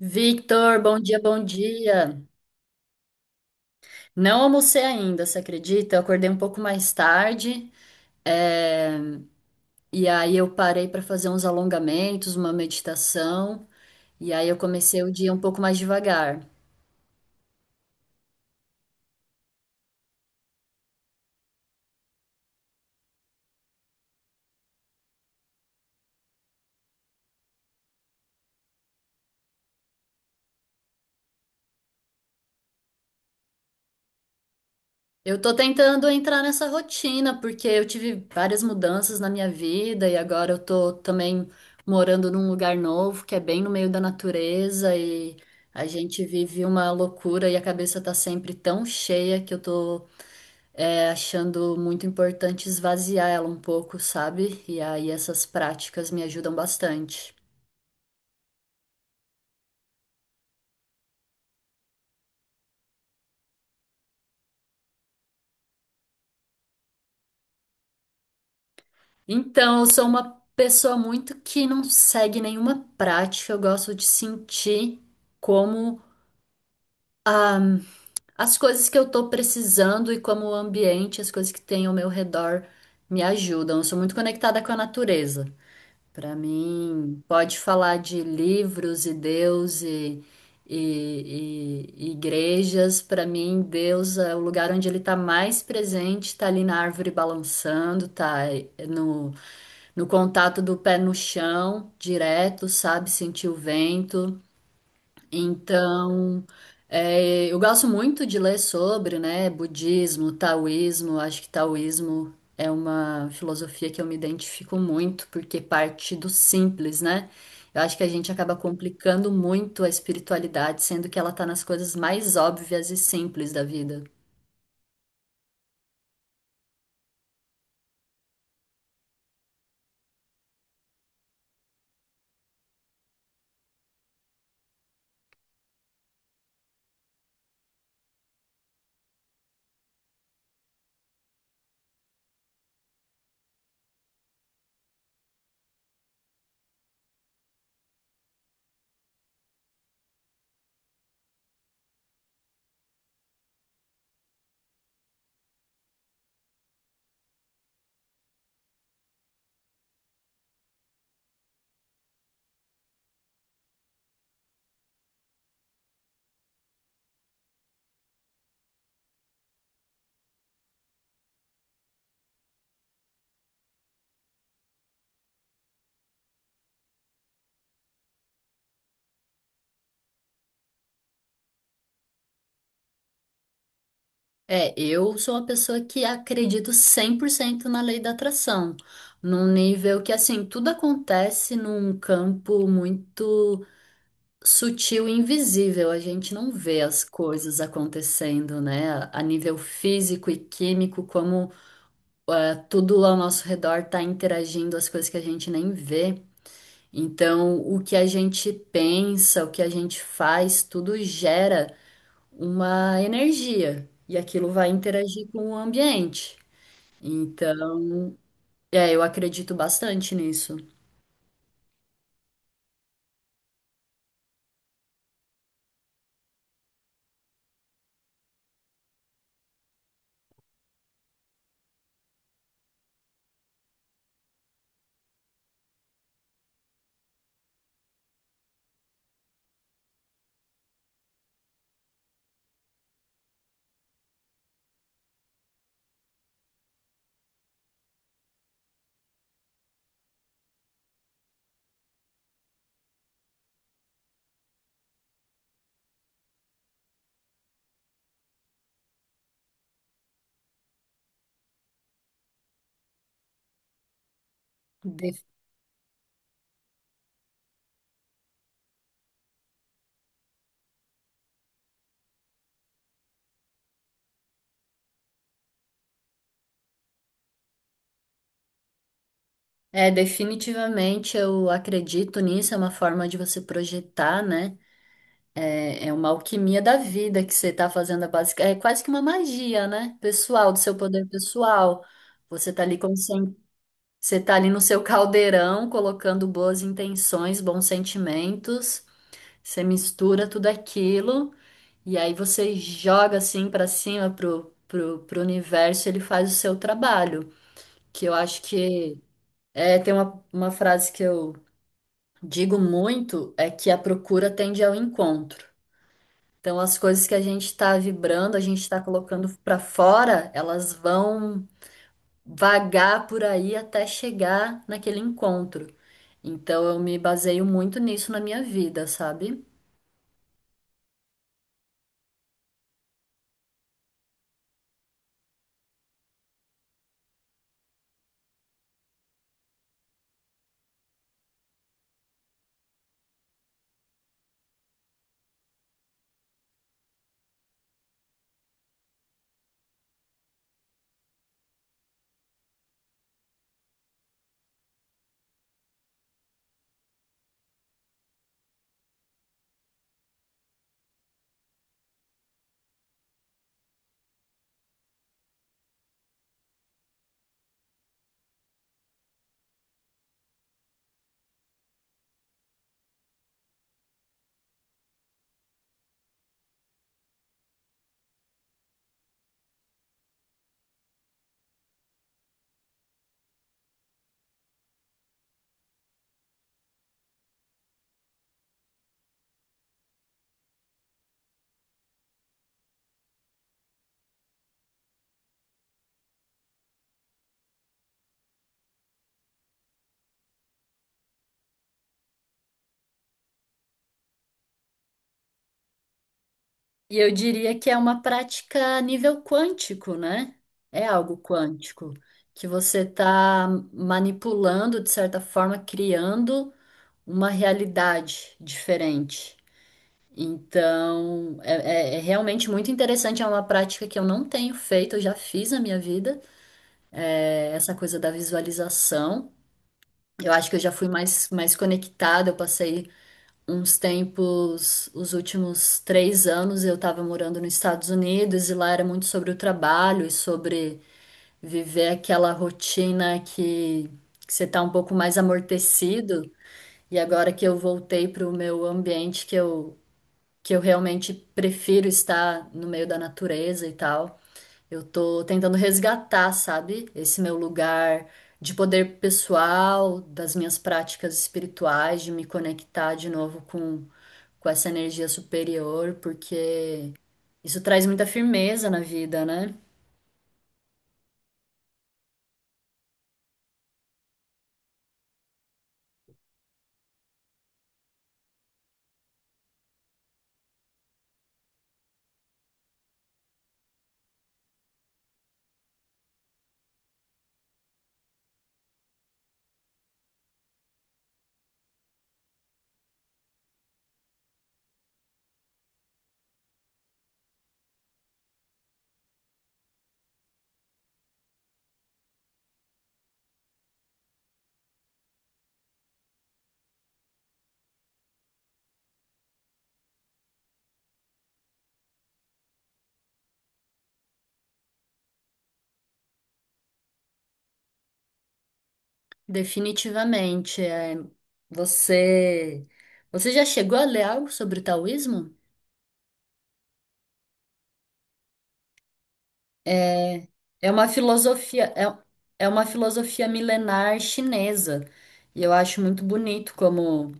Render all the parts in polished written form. Victor, bom dia, bom dia. Não almocei ainda, você acredita? Eu acordei um pouco mais tarde, é, e aí eu parei para fazer uns alongamentos, uma meditação, e aí eu comecei o dia um pouco mais devagar. Eu tô tentando entrar nessa rotina, porque eu tive várias mudanças na minha vida, e agora eu tô também morando num lugar novo, que é bem no meio da natureza, e a gente vive uma loucura e a cabeça tá sempre tão cheia que eu tô achando muito importante esvaziar ela um pouco, sabe? E aí essas práticas me ajudam bastante. Então, eu sou uma pessoa muito que não segue nenhuma prática, eu gosto de sentir como as coisas que eu tô precisando e como o ambiente, as coisas que tem ao meu redor me ajudam. Eu sou muito conectada com a natureza. Para mim, pode falar de livros e Deus e, e igrejas. Para mim, Deus é o lugar onde ele está mais presente, está ali na árvore balançando, tá no contato do pé no chão, direto, sabe, sentir o vento. Então, eu gosto muito de ler sobre, né, budismo, taoísmo. Acho que taoísmo é uma filosofia que eu me identifico muito, porque parte do simples, né? Eu acho que a gente acaba complicando muito a espiritualidade, sendo que ela tá nas coisas mais óbvias e simples da vida. É, eu sou uma pessoa que acredito 100% na lei da atração, num nível que, assim, tudo acontece num campo muito sutil e invisível, a gente não vê as coisas acontecendo, né? A nível físico e químico, como tudo ao nosso redor está interagindo, as coisas que a gente nem vê. Então, o que a gente pensa, o que a gente faz, tudo gera uma energia e aquilo vai interagir com o ambiente. Então, eu acredito bastante nisso. De- É, definitivamente eu acredito nisso, é uma forma de você projetar, né? É uma alquimia da vida que você está fazendo, é é quase que uma magia, né? Pessoal, do seu poder pessoal. Você está ali com sen- Você tá ali no seu caldeirão, colocando boas intenções, bons sentimentos. Você mistura tudo aquilo e aí você joga assim para cima pro universo, ele faz o seu trabalho. Que eu acho que tem uma frase que eu digo muito, é que a procura tende ao encontro. Então, as coisas que a gente está vibrando, a gente está colocando para fora, elas vão vagar por aí até chegar naquele encontro. Então, eu me baseio muito nisso na minha vida, sabe? E eu diria que é uma prática a nível quântico, né? É algo quântico, que você está manipulando, de certa forma, criando uma realidade diferente. Então, é realmente muito interessante, é uma prática que eu não tenho feito, eu já fiz na minha vida, é essa coisa da visualização. Eu acho que eu já fui mais conectada, eu passei uns tempos, os últimos 3 anos eu estava morando nos Estados Unidos e lá era muito sobre o trabalho e sobre viver aquela rotina que você está um pouco mais amortecido. E agora que eu voltei para o meu ambiente que eu realmente prefiro estar no meio da natureza e tal. Eu tô tentando resgatar, sabe, esse meu lugar de poder pessoal, das minhas práticas espirituais, de me conectar de novo com essa energia superior, porque isso traz muita firmeza na vida, né? Definitivamente. É, você, você já chegou a ler algo sobre o taoísmo? É uma filosofia, é uma filosofia milenar chinesa. E eu acho muito bonito como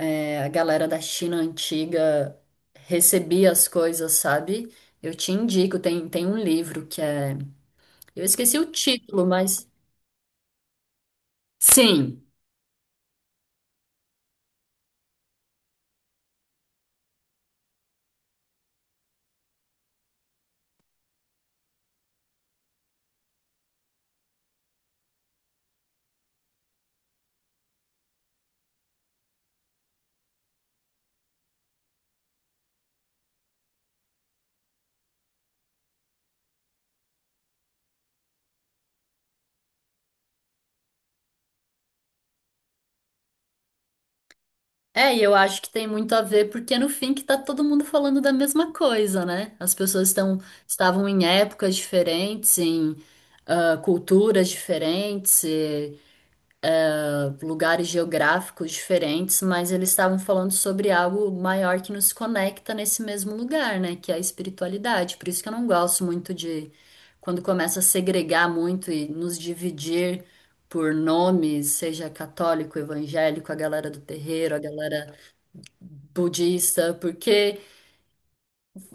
a galera da China antiga recebia as coisas, sabe? Eu te indico, tem um livro que é. Eu esqueci o título, mas. Sim. É, e eu acho que tem muito a ver, porque no fim que tá todo mundo falando da mesma coisa, né? As pessoas estão, estavam em épocas diferentes, em culturas diferentes. Lugares geográficos diferentes, mas eles estavam falando sobre algo maior que nos conecta nesse mesmo lugar, né? Que é a espiritualidade. Por isso que eu não gosto muito de quando começa a segregar muito e nos dividir por nomes, seja católico, evangélico, a galera do terreiro, a galera budista, porque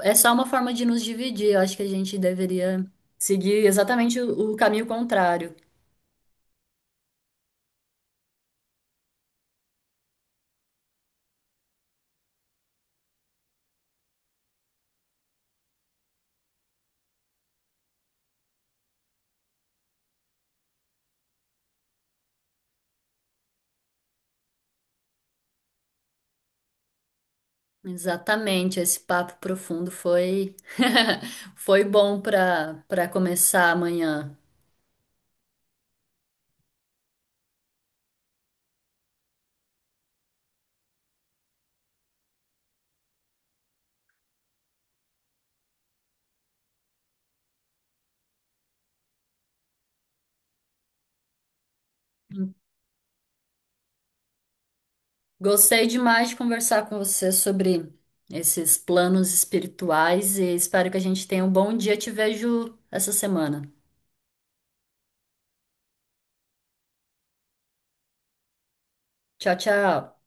é só uma forma de nos dividir. Eu acho que a gente deveria seguir exatamente o caminho contrário. Exatamente, esse papo profundo foi foi bom para começar amanhã. Gostei demais de conversar com você sobre esses planos espirituais e espero que a gente tenha um bom dia. Te vejo essa semana. Tchau, tchau.